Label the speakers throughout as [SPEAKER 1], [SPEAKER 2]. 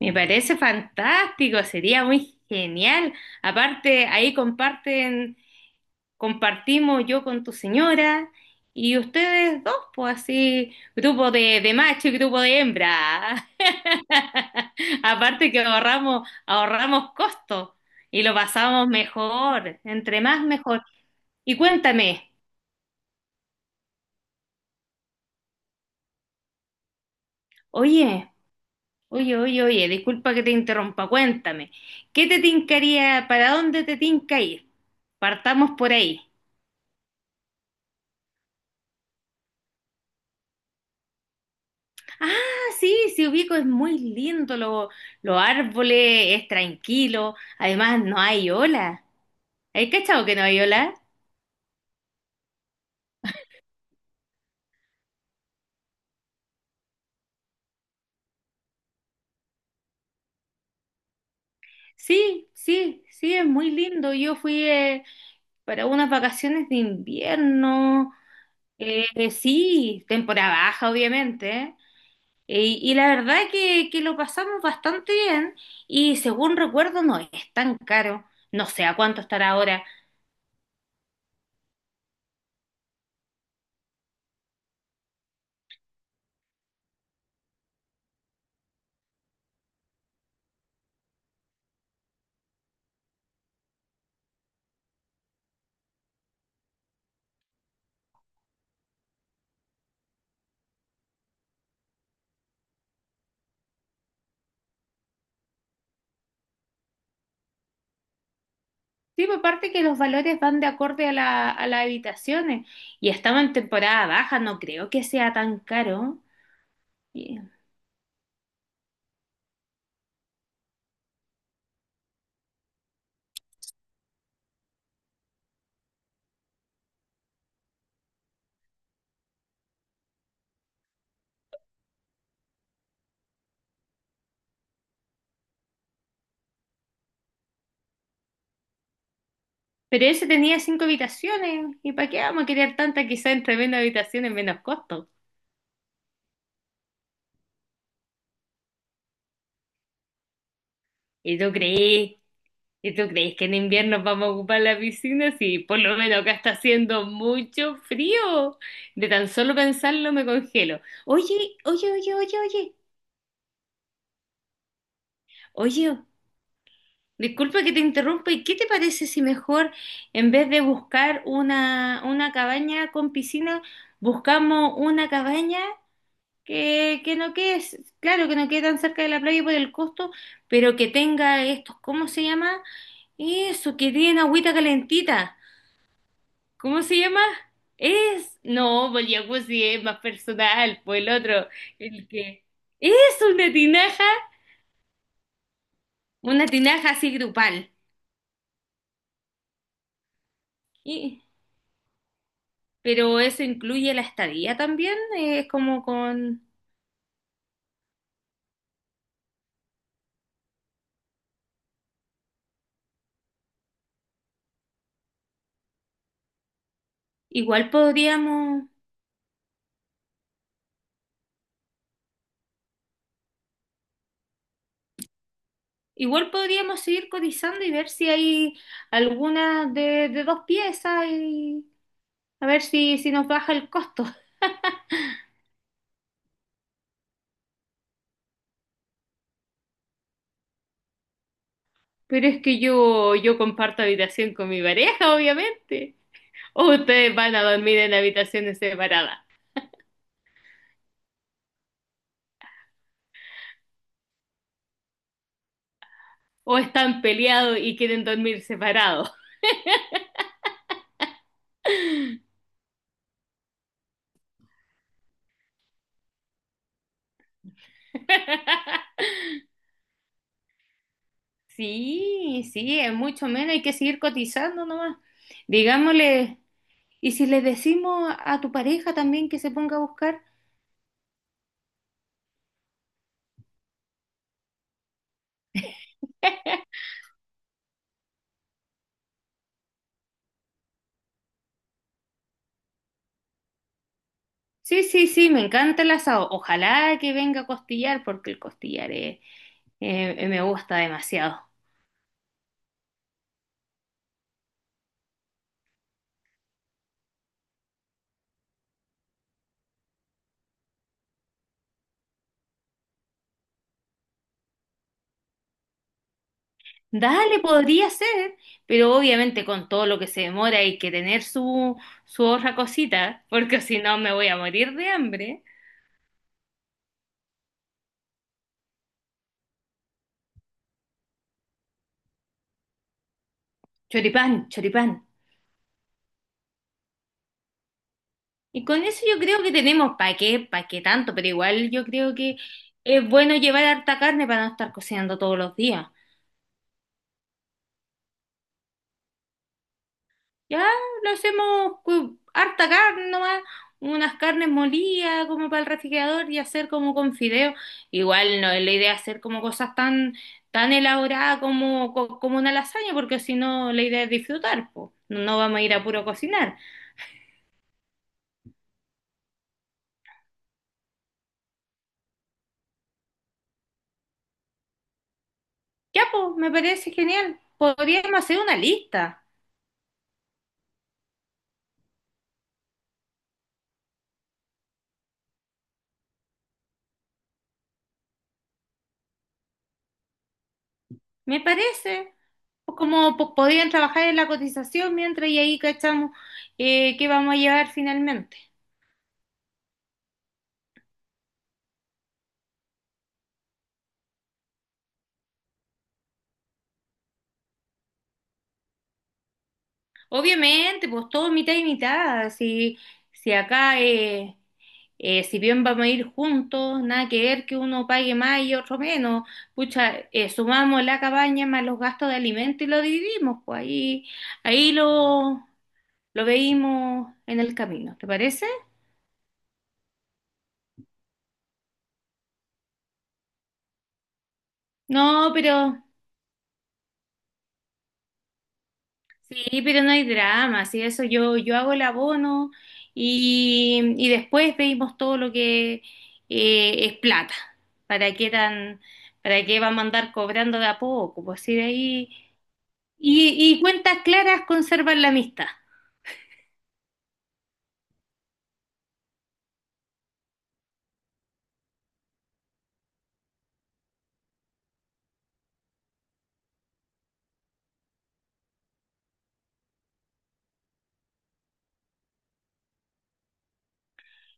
[SPEAKER 1] Me parece fantástico, sería muy genial. Aparte, ahí compartimos yo con tu señora y ustedes dos, pues así, grupo de macho y grupo de hembra. Aparte que ahorramos costos y lo pasamos mejor, entre más mejor. Y cuéntame, oye, oye, oye, oye, disculpa que te interrumpa, cuéntame, ¿qué te tincaría? ¿Para dónde te tinca ir? Partamos por ahí. Ah, sí, sí ubico, es muy lindo, los árboles, es tranquilo, además no hay ola. ¿Hay cachado que no hay ola? Sí, sí, sí, es muy lindo. Yo fui para unas vacaciones de invierno, sí, temporada baja, obviamente, ¿eh? Y la verdad que lo pasamos bastante bien y según recuerdo no es tan caro. No sé a cuánto estará ahora. Sí, pues aparte que los valores van de acorde a a las habitaciones y estaba en temporada baja, no creo que sea tan caro. Y- Pero ese tenía cinco habitaciones. ¿Y para qué vamos a querer tanta? Quizá entre menos habitaciones, menos costo. ¿Y tú crees? ¿Y tú crees que en invierno vamos a ocupar la piscina? Sí, por lo menos acá está haciendo mucho frío. De tan solo pensarlo me congelo. Oye, oye, oye, oye, oye. Oye, disculpa que te interrumpa, ¿y qué te parece si mejor, en vez de buscar una cabaña con piscina, buscamos una cabaña que no quede, claro, que no quede tan cerca de la playa por el costo, pero que tenga estos, ¿cómo se llama? Eso, que tiene agüita calentita. ¿Cómo se llama? No, pues el jacuzzi es más personal, pues el otro, el que es una tinaja, una tinaja así grupal. Y, Pero eso incluye la estadía también, es como con. Igual podríamos, igual podríamos seguir cotizando y ver si hay alguna de dos piezas y a ver si nos baja el costo. Pero es que yo comparto habitación con mi pareja, obviamente. O ustedes van a dormir en habitaciones separadas. O están peleados y quieren dormir separados. Sí, sí, es mucho menos, hay que seguir cotizando nomás. Digámosle. Y si le decimos a tu pareja también que se ponga a buscar. Sí, sí, sí, me encanta el asado. Ojalá que venga a costillar, porque el costillar me gusta demasiado. Dale, podría ser, pero obviamente con todo lo que se demora hay que tener su otra cosita, porque si no me voy a morir de hambre. Choripán, choripán. Y con eso yo creo que tenemos. ¿Para qué? ¿Para qué tanto? Pero igual yo creo que es bueno llevar harta carne para no estar cocinando todos los días. Ya lo hacemos con harta carne nomás, unas carnes molidas como para el refrigerador y hacer como con fideo. Igual no es la idea hacer como cosas tan, tan elaboradas como una lasaña, porque si no la idea es disfrutar, po. No, no vamos a ir a puro cocinar. Ya, pues, me parece genial. Podríamos hacer una lista, me parece. Pues como pues, podrían trabajar en la cotización mientras y ahí cachamos qué vamos a llevar finalmente. Obviamente, pues todo mitad y mitad. Si, si acá, si bien vamos a ir juntos, nada que ver que uno pague más y otro menos. Pucha, sumamos la cabaña más los gastos de alimento y lo dividimos, pues ahí lo veímos en el camino, ¿te parece? No, pero Sí, pero no hay drama, sí, eso yo hago el abono y después pedimos todo lo que es plata. ¿Para qué tan, para qué vamos a andar cobrando de a poco? Pues sí, de ahí. Y cuentas claras conservan la amistad.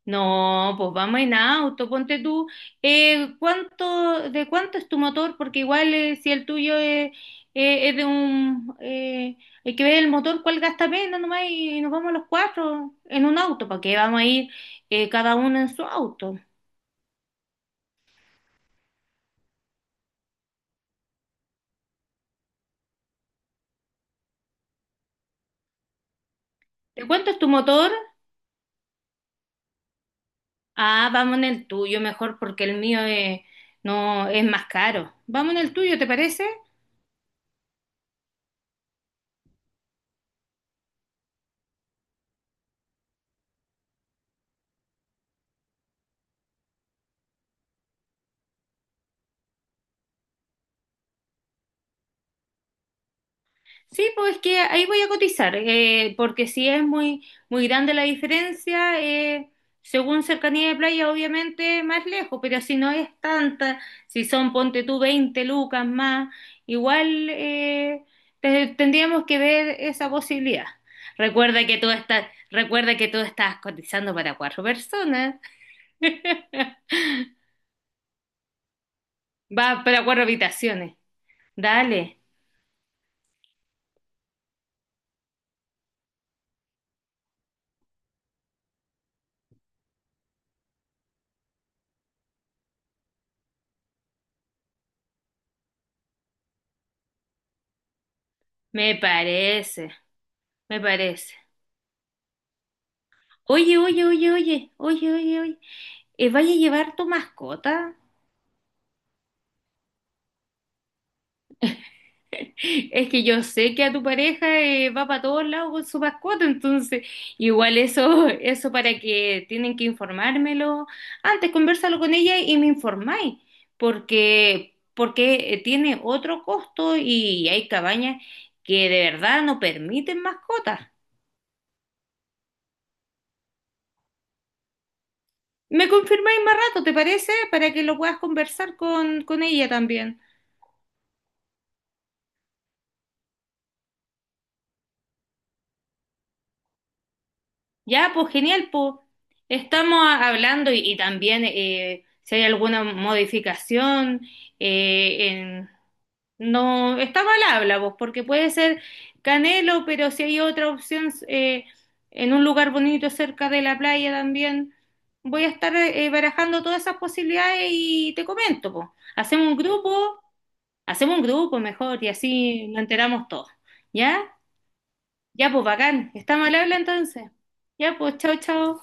[SPEAKER 1] No, pues vamos en auto, ponte tú, ¿ de cuánto es tu motor? Porque igual si el tuyo es, eh, es de un, eh, hay que ver el motor cuál gasta menos nomás y nos vamos los cuatro en un auto. ¿Para qué vamos a ir cada uno en su auto? ¿De cuánto es tu motor? Ah, vamos en el tuyo mejor porque no, es más caro. Vamos en el tuyo, ¿te parece? Sí, pues es que ahí voy a cotizar, porque si es muy, muy grande la diferencia, según cercanía de playa, obviamente más lejos, pero si no es tanta, si son, ponte tú, veinte lucas más, igual tendríamos que ver esa posibilidad. Recuerda que tú estás cotizando para cuatro personas, va para cuatro habitaciones. Dale, me parece, me parece. Oye, oye, oye, oye, oye, oye, oye. ¿vaya a llevar tu mascota? Es que yo sé que a tu pareja va para todos lados con su mascota, entonces igual eso, eso para que tienen que informármelo. Antes conversalo con ella y me informáis, porque, porque tiene otro costo y hay cabañas que de verdad no permiten mascotas. ¿Me confirmáis más rato, te parece? Para que lo puedas conversar con, ella también. Ya, pues genial, pues estamos hablando y también si hay alguna modificación, eh, en- no está mal habla, pues, porque puede ser Canelo, pero si hay otra opción en un lugar bonito cerca de la playa también, voy a estar barajando todas esas posibilidades y te comento, pues. Hacemos un grupo, hacemos un grupo mejor y así nos enteramos todos, ¿ya? Ya, pues bacán, está mal habla entonces. Ya, pues chao, chao.